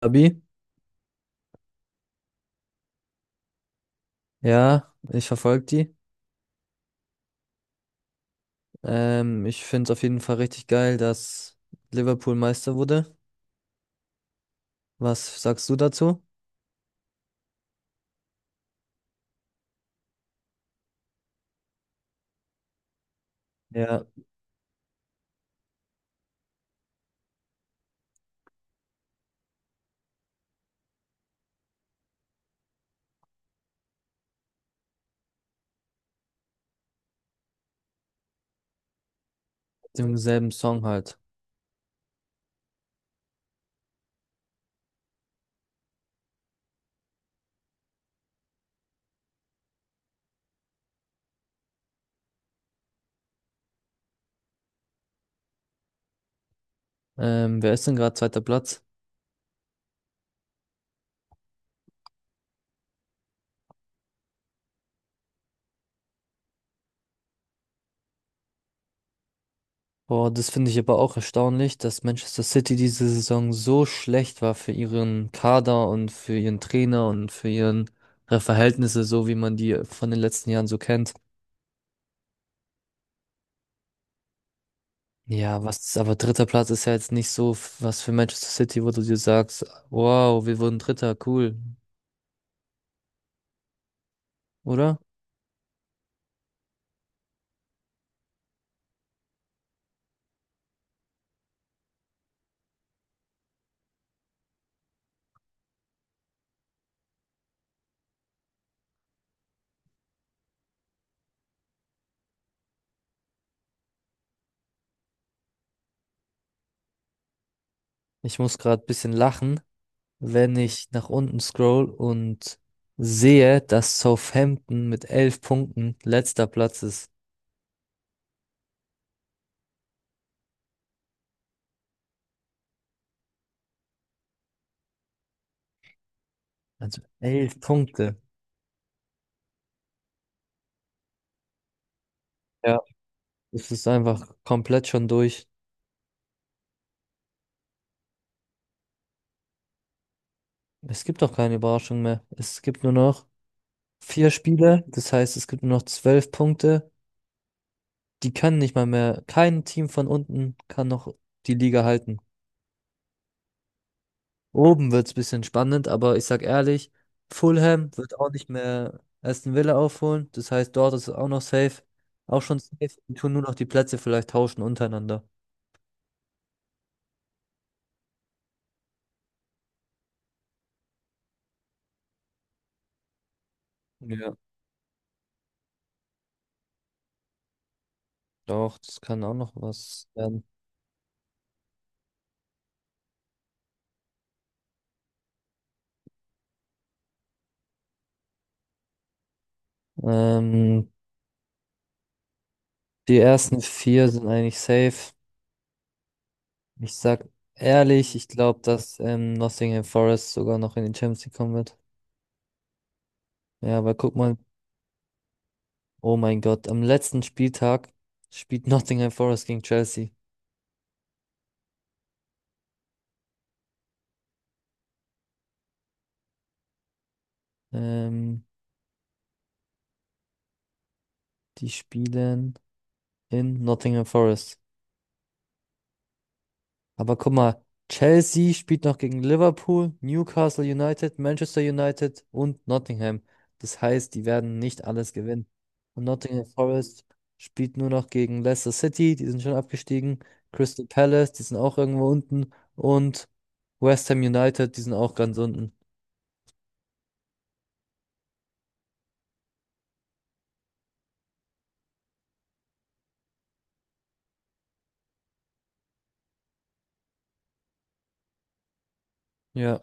Abi, ja, ich verfolge die. Ich finde es auf jeden Fall richtig geil, dass Liverpool Meister wurde. Was sagst du dazu? Ja, dem selben Song halt. Wer ist denn gerade zweiter Platz? Boah, das finde ich aber auch erstaunlich, dass Manchester City diese Saison so schlecht war für ihren Kader und für ihren Trainer und für ihre Verhältnisse, so wie man die von den letzten Jahren so kennt. Ja, was, aber dritter Platz ist ja jetzt nicht so was für Manchester City, wo du dir sagst, wow, wir wurden Dritter, cool, oder? Ich muss gerade ein bisschen lachen, wenn ich nach unten scroll und sehe, dass Southampton mit 11 Punkten letzter Platz ist. Also 11 Punkte. Ja. Es ist einfach komplett schon durch. Es gibt auch keine Überraschung mehr. Es gibt nur noch vier Spiele, das heißt, es gibt nur noch 12 Punkte. Die können nicht mal mehr, kein Team von unten kann noch die Liga halten. Oben wird's bisschen spannend, aber ich sag ehrlich, Fulham wird auch nicht mehr Aston Villa aufholen. Das heißt, dort ist es auch noch safe. Auch schon safe. Die tun nur noch die Plätze vielleicht tauschen untereinander. Ja, doch, das kann auch noch was werden. Ähm, Die ersten vier sind eigentlich safe. Ich sag ehrlich, ich glaube, dass Nottingham Forest sogar noch in die Champions League kommen wird. Ja, aber guck mal, oh mein Gott, am letzten Spieltag spielt Nottingham Forest gegen Chelsea. Ähm, Die spielen in Nottingham Forest. Aber guck mal, Chelsea spielt noch gegen Liverpool, Newcastle United, Manchester United und Nottingham. Das heißt, die werden nicht alles gewinnen. Und Nottingham Forest spielt nur noch gegen Leicester City, die sind schon abgestiegen, Crystal Palace, die sind auch irgendwo unten und West Ham United, die sind auch ganz unten. Ja.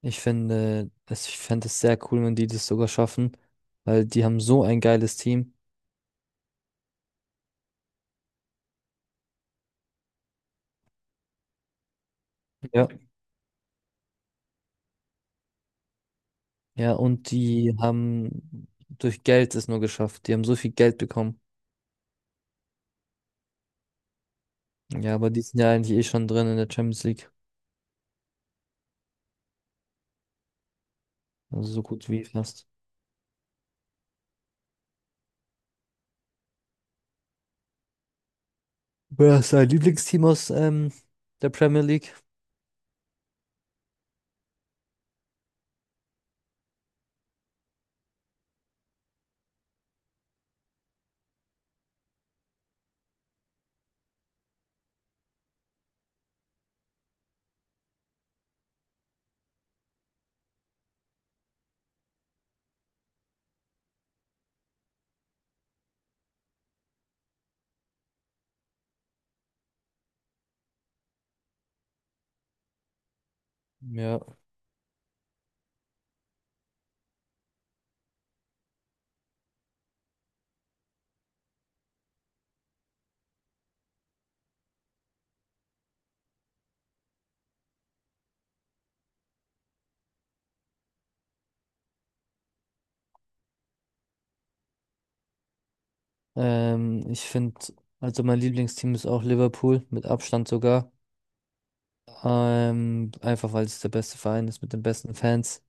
Ich finde, es, ich fände es sehr cool, wenn die das sogar schaffen, weil die haben so ein geiles Team. Ja. Ja, und die haben durch Geld es nur geschafft. Die haben so viel Geld bekommen. Ja, aber die sind ja eigentlich eh schon drin in der Champions League. Also so gut wie fast. Wer ist dein Lieblingsteam aus der Premier League? Ja. Ich finde, also mein Lieblingsteam ist auch Liverpool, mit Abstand sogar. Einfach weil es der beste Verein ist mit den besten Fans.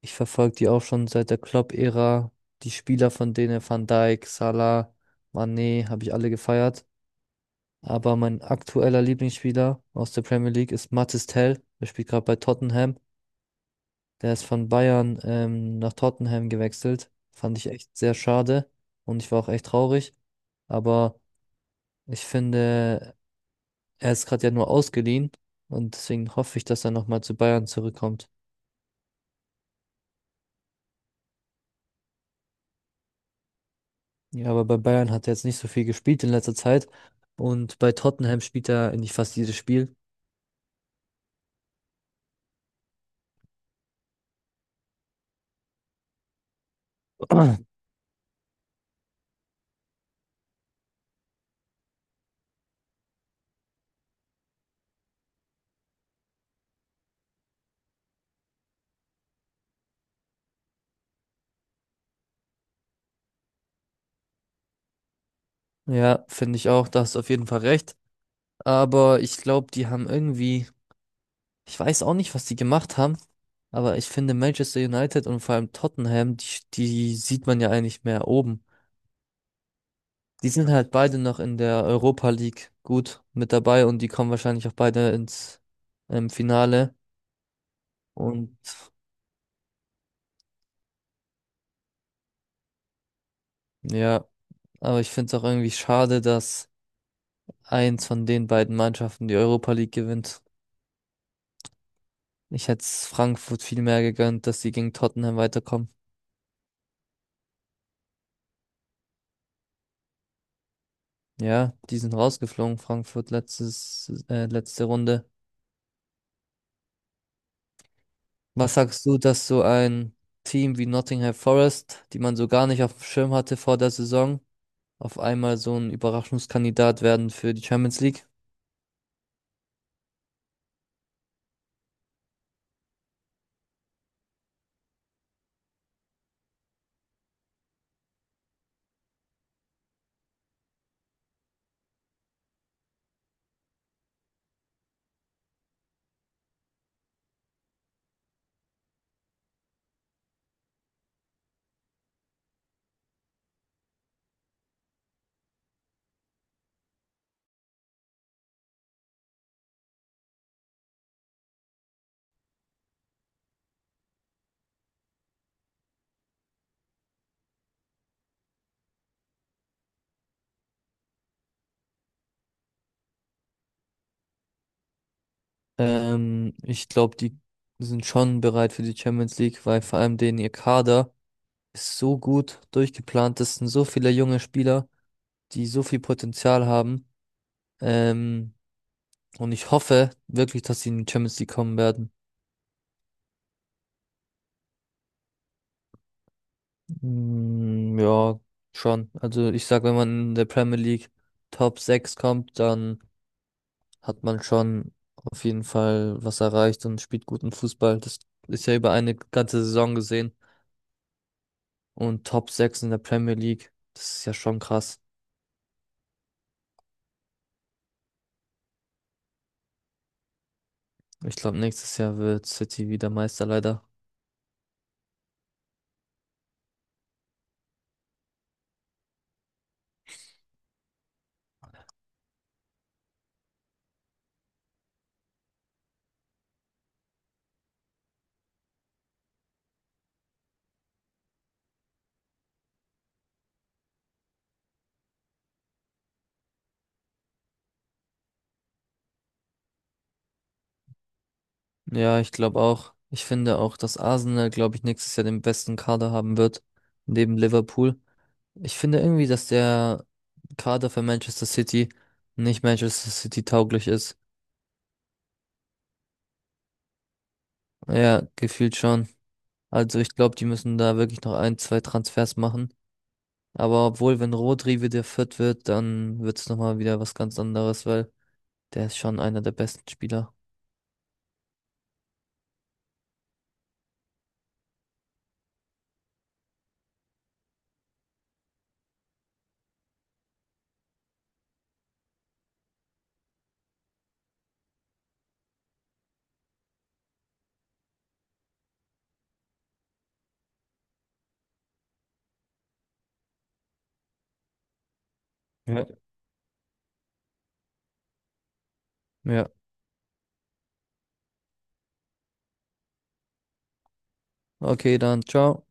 Ich verfolge die auch schon seit der Klopp-Ära. Die Spieler von denen, Van Dijk, Salah, Mané, habe ich alle gefeiert. Aber mein aktueller Lieblingsspieler aus der Premier League ist Mathys Tell. Der spielt gerade bei Tottenham. Der ist von Bayern nach Tottenham gewechselt. Fand ich echt sehr schade. Und ich war auch echt traurig. Aber ich finde, er ist gerade ja nur ausgeliehen. Und deswegen hoffe ich, dass er nochmal zu Bayern zurückkommt. Ja, aber bei Bayern hat er jetzt nicht so viel gespielt in letzter Zeit. Und bei Tottenham spielt er eigentlich fast jedes Spiel. Ja, finde ich auch, da hast du auf jeden Fall recht. Aber ich glaube, die haben irgendwie, ich weiß auch nicht, was die gemacht haben, aber ich finde Manchester United und vor allem Tottenham, die sieht man ja eigentlich mehr oben. Die sind halt beide noch in der Europa League gut mit dabei und die kommen wahrscheinlich auch beide ins Finale. Und ja, aber ich finde es auch irgendwie schade, dass eins von den beiden Mannschaften die Europa League gewinnt. Ich hätte es Frankfurt viel mehr gegönnt, dass sie gegen Tottenham weiterkommen. Ja, die sind rausgeflogen, Frankfurt letzte Runde. Was sagst du, dass so ein Team wie Nottingham Forest, die man so gar nicht auf dem Schirm hatte vor der Saison, auf einmal so ein Überraschungskandidat werden für die Champions League? Ich glaube, die sind schon bereit für die Champions League, weil vor allem denen ihr Kader ist so gut durchgeplant. Das sind so viele junge Spieler. Die so viel Potenzial haben. Ähm, und ich hoffe wirklich, dass sie in die Champions League kommen werden. Mm, ja, schon. Also ich sag, wenn man in der Premier League Top 6 kommt, dann hat man schon auf jeden Fall was erreicht und spielt guten Fußball. Das ist ja über eine ganze Saison gesehen. Und Top 6 in der Premier League, das ist ja schon krass. Ich glaube, nächstes Jahr wird City wieder Meister, leider. Ja, ich glaube auch. Ich finde auch, dass Arsenal, glaube ich, nächstes Jahr den besten Kader haben wird, neben Liverpool. Ich finde irgendwie, dass der Kader für Manchester City nicht Manchester City tauglich ist. Ja, gefühlt schon. Also ich glaube, die müssen da wirklich noch ein, zwei Transfers machen. Aber obwohl, wenn Rodri wieder fit wird, dann wird es nochmal wieder was ganz anderes, weil der ist schon einer der besten Spieler. Ja. Ja, okay, dann ciao.